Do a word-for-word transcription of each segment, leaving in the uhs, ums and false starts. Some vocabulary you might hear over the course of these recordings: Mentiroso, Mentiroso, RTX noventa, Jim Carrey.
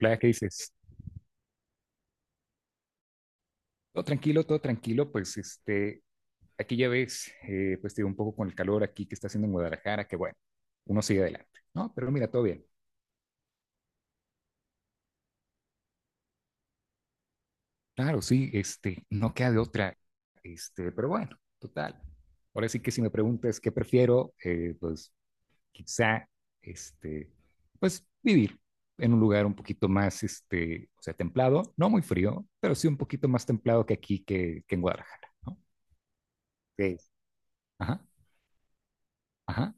Hola, ¿qué dices? Todo tranquilo, todo tranquilo, pues este, aquí ya ves, eh, pues te digo, un poco con el calor aquí que está haciendo en Guadalajara, que bueno, uno sigue adelante, ¿no? Pero mira, todo bien. Claro, sí, este, no queda de otra, este, pero bueno, total. Ahora sí que si me preguntas qué prefiero, eh, pues quizá, este, pues vivir en un lugar un poquito más, este, o sea, templado, no muy frío, pero sí un poquito más templado que aquí, que, que en Guadalajara, ¿no? Sí. Ajá, ajá,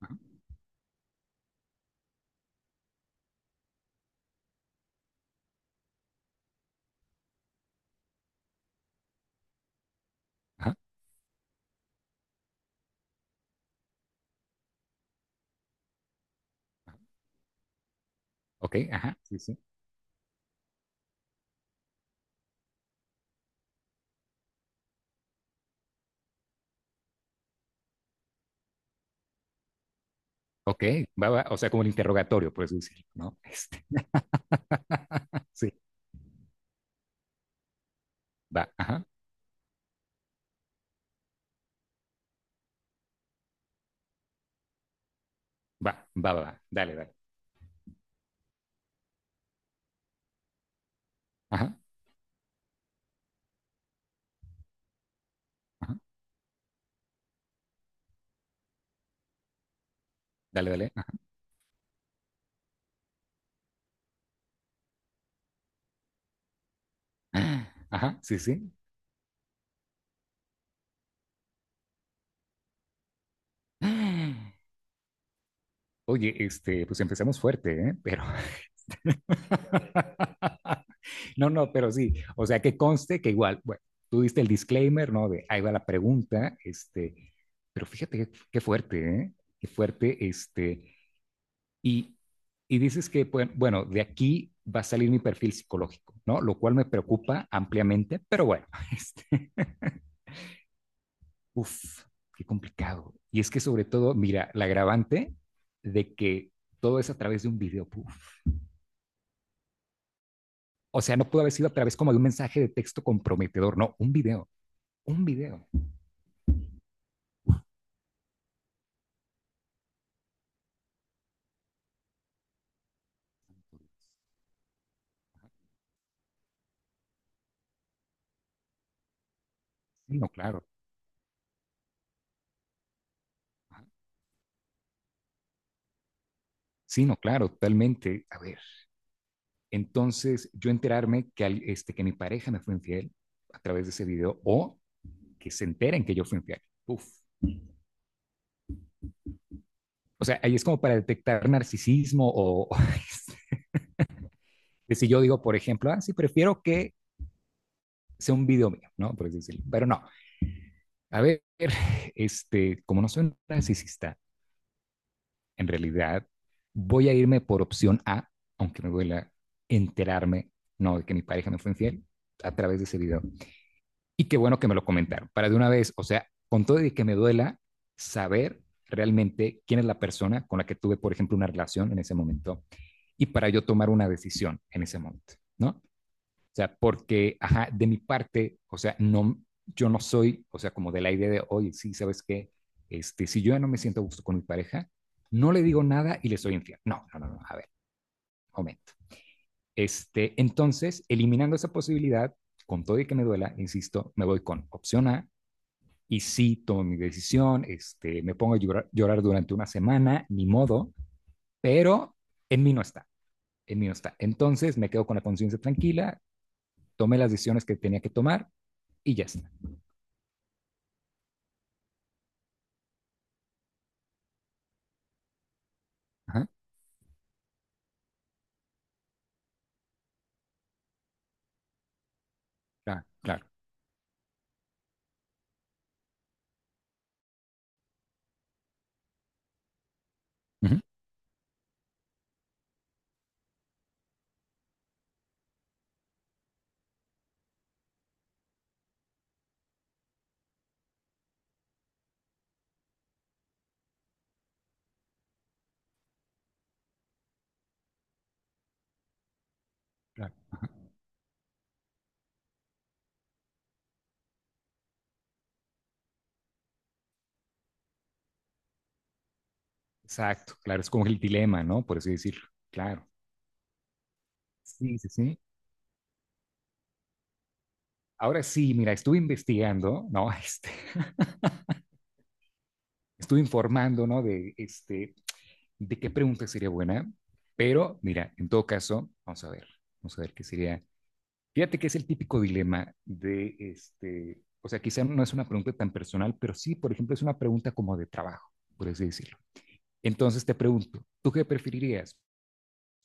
ajá, ajá. Ok, ajá, sí, sí. Ok, va, va, o sea, como el interrogatorio, por eso decirlo, ¿no? Este, sí, va, ajá, va, va, va, va, dale, dale, ajá, ajá, dale, dale, ajá, ajá, sí, sí. Oye, este, pues empezamos fuerte, ¿eh? Pero, no, no, pero sí, o sea, que conste que igual, bueno, tú diste el disclaimer, ¿no? De ahí va la pregunta, este, pero fíjate qué qué fuerte, ¿eh? Qué fuerte, este. Y, y dices que, pues, bueno, de aquí va a salir mi perfil psicológico, ¿no? Lo cual me preocupa ampliamente, pero bueno, este, uf, qué complicado. Y es que sobre todo, mira, la agravante de que todo es a través de un video, puff. O sea, no pudo haber sido a través como de un mensaje de texto comprometedor, no, un video, un video. Sí, no, claro. Sí, no, claro, totalmente. A ver, entonces yo enterarme que, al- este, que mi pareja me fue infiel a través de ese video o que se enteren que yo fui infiel. Uf, o sea, ahí es como para detectar narcisismo o, o si yo digo, por ejemplo, ah, sí, prefiero que sea un video mío, ¿no? Por decirlo. Pero no, a ver, este, como no soy un narcisista, en realidad voy a irme por opción A, aunque me duela enterarme, no, de que mi pareja me fue infiel a través de ese video. Y qué bueno que me lo comentaron, para de una vez, o sea, con todo y que me duela saber realmente quién es la persona con la que tuve, por ejemplo, una relación en ese momento y para yo tomar una decisión en ese momento, ¿no? O sea, porque, ajá, de mi parte, o sea, no, yo no soy, o sea, como de la idea de, oye, sí, ¿sabes qué? Este, si yo ya no me siento a gusto con mi pareja, no le digo nada y le soy infiel. No, no, no, no, a ver, momento. Este, entonces, eliminando esa posibilidad, con todo y que me duela, insisto, me voy con opción A y sí tomo mi decisión, este, me pongo a llorar, llorar durante una semana, ni modo, pero en mí no está. El mío está. Entonces me quedo con la conciencia tranquila, tomé las decisiones que tenía que tomar y ya está. Ajá, claro, claro. Ujú, claro. Exacto, claro, es como el dilema, ¿no? Por así decirlo. Claro. Sí, sí, sí. Ahora sí, mira, estuve investigando, ¿no? Este, estuve informando, ¿no? De, este, de qué pregunta sería buena, pero mira, en todo caso, vamos a ver, vamos a ver qué sería. Fíjate que es el típico dilema de, este, o sea, quizá no es una pregunta tan personal, pero sí, por ejemplo, es una pregunta como de trabajo, por así decirlo. Entonces te pregunto, ¿tú qué preferirías?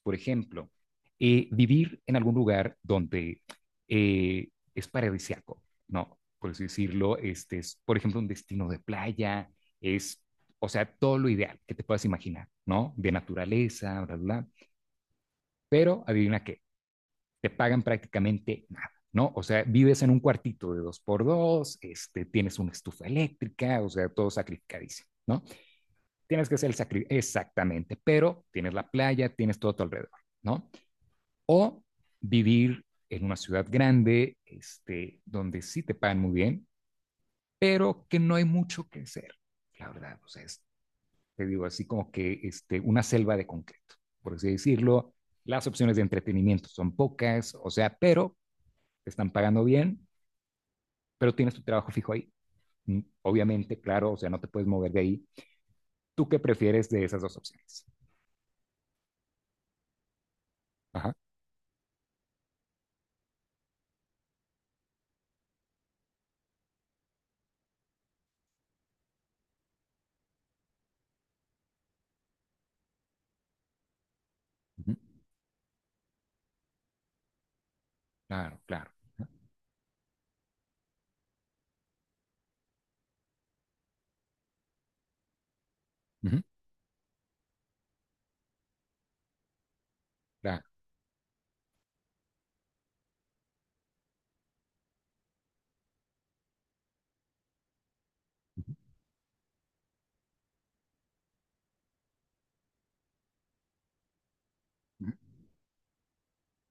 Por ejemplo, eh, vivir en algún lugar donde eh, es paradisíaco, ¿no? Por así decirlo, este es, por ejemplo, un destino de playa, es, o sea, todo lo ideal que te puedas imaginar, ¿no? De naturaleza, bla, bla, bla. Pero adivina qué, te pagan prácticamente nada, ¿no? O sea, vives en un cuartito de dos por dos, este, tienes una estufa eléctrica, o sea, todo sacrificadísimo, ¿no? Tienes que hacer el sacri exactamente, pero tienes la playa, tienes todo a tu alrededor, ¿no? O vivir en una ciudad grande, este, donde sí te pagan muy bien, pero que no hay mucho que hacer, la verdad, o sea, es, te digo, así como que este, una selva de concreto, por así decirlo, las opciones de entretenimiento son pocas, o sea, pero te están pagando bien, pero tienes tu trabajo fijo ahí. Mm, Obviamente, claro, o sea, no te puedes mover de ahí. ¿Tú qué prefieres de esas dos opciones? Ajá. Ujú. Claro, claro. Ujú. Claro. Ujú.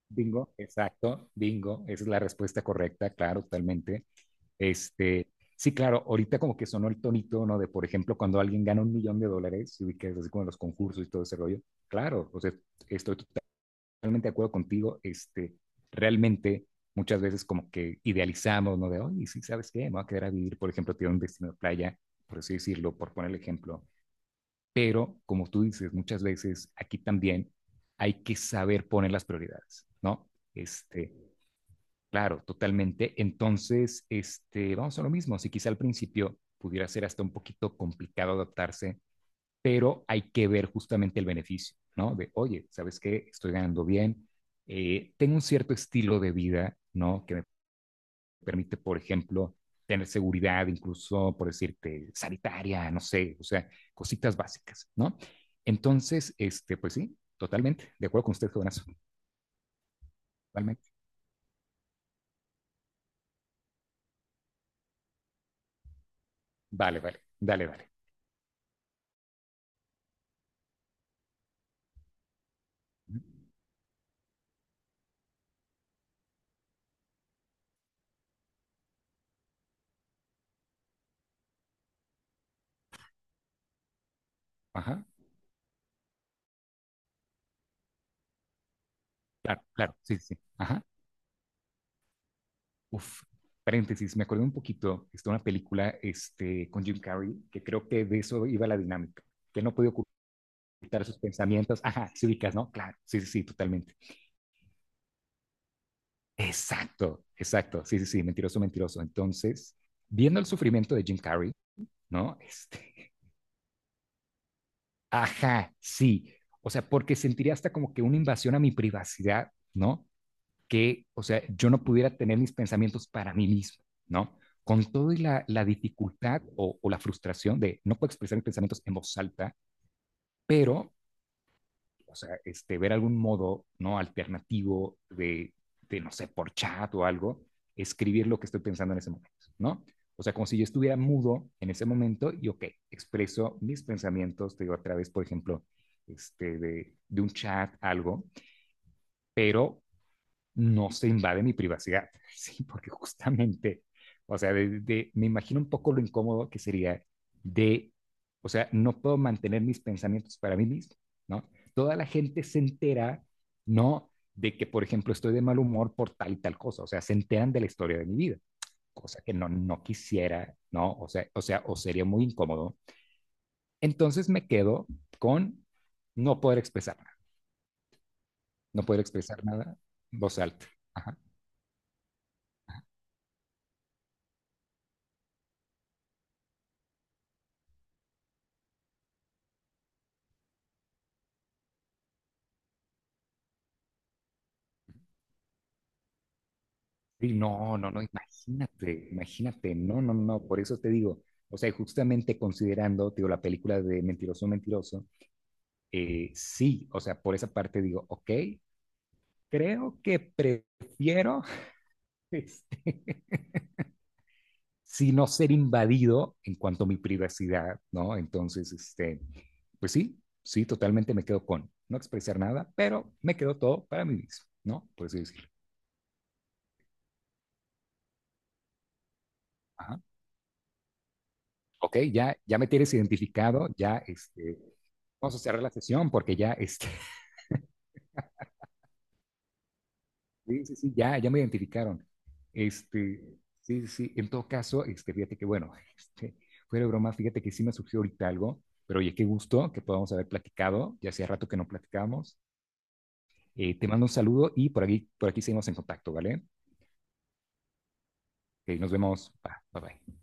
Bingo, exacto, bingo. Esa es la respuesta correcta, claro, totalmente. Este, sí, claro, ahorita como que sonó el tonito, ¿no? De, por ejemplo, cuando alguien gana un millón de dólares, y que es así como los concursos y todo ese rollo. Claro, o sea, estoy totalmente de acuerdo contigo, este, realmente muchas veces como que idealizamos, ¿no? De, oye, sí, ¿sabes qué? Me voy a quedar a vivir, por ejemplo, tiene un destino de playa, por así decirlo, por poner el ejemplo. Pero, como tú dices, muchas veces aquí también hay que saber poner las prioridades, ¿no? Este, claro, totalmente. Entonces, este, vamos a lo mismo. Si quizá al principio pudiera ser hasta un poquito complicado adaptarse, pero hay que ver justamente el beneficio, ¿no? De, oye, ¿sabes qué? Estoy ganando bien, eh, tengo un cierto estilo de vida, ¿no? Que me permite, por ejemplo, tener seguridad, incluso, por decirte, sanitaria, no sé, o sea, cositas básicas, ¿no? Entonces, este, pues sí, totalmente, de acuerdo con usted, jovenazo, totalmente. Vale, vale, dale, dale. Ajá, claro, claro, sí, sí, sí. Ajá. Uf, paréntesis, me acordé un poquito, está una película este, con Jim Carrey, que creo que de eso iba la dinámica, que no podía ocultar sus pensamientos. Ajá, sí ubicas, ¿no? Claro, sí, sí, sí, totalmente. Exacto, exacto, sí, sí, sí, Mentiroso, Mentiroso. Entonces, viendo el sufrimiento de Jim Carrey, ¿no? Este, ajá, sí. O sea, porque sentiría hasta como que una invasión a mi privacidad, ¿no? Que, o sea, yo no pudiera tener mis pensamientos para mí mismo, ¿no? Con todo y la, la dificultad o, o, la frustración de no puedo expresar mis pensamientos en voz alta, pero, o sea, este, ver algún modo, ¿no? Alternativo de, de, no sé, por chat o algo, escribir lo que estoy pensando en ese momento, ¿no? O sea, como si yo estuviera mudo en ese momento y, ok, expreso mis pensamientos, te digo, a través, por ejemplo, este, de, de un chat, algo, pero no se invade mi privacidad, ¿sí? Porque justamente, o sea, de, de- me imagino un poco lo incómodo que sería de, o sea, no puedo mantener mis pensamientos para mí mismo, ¿no? Toda la gente se entera, ¿no? De que, por ejemplo, estoy de mal humor por tal y tal cosa, o sea, se enteran de la historia de mi vida, cosa que no, no quisiera, ¿no? O sea, o sea, o sería muy incómodo. Entonces me quedo con no poder expresar nada, no poder expresar nada, voz alta. Ajá. Sí, no, no, no, imagínate, imagínate, no, no, no, por eso te digo, o sea, justamente considerando, te digo, la película de Mentiroso, Mentiroso, eh, sí, o sea, por esa parte digo, ok, creo que prefiero, este, si no ser invadido en cuanto a mi privacidad, ¿no? Entonces, este, pues sí, sí, totalmente me quedo con no expresar nada, pero me quedo todo para mí mismo, ¿no? Por así decirlo. Ajá. Ok, ya, ya me tienes identificado, ya, este, vamos a cerrar la sesión porque ya, este, sí, sí, sí, ya, ya me identificaron. Este, sí, sí, sí, en todo caso, este, fíjate que bueno, este, fuera de broma, fíjate que sí me surgió ahorita algo, pero oye, qué gusto que podamos haber platicado, ya hacía rato que no platicábamos. Eh, te mando un saludo y por aquí, por aquí seguimos en contacto, ¿vale? Eh, nos vemos. Bye, bye. Bye.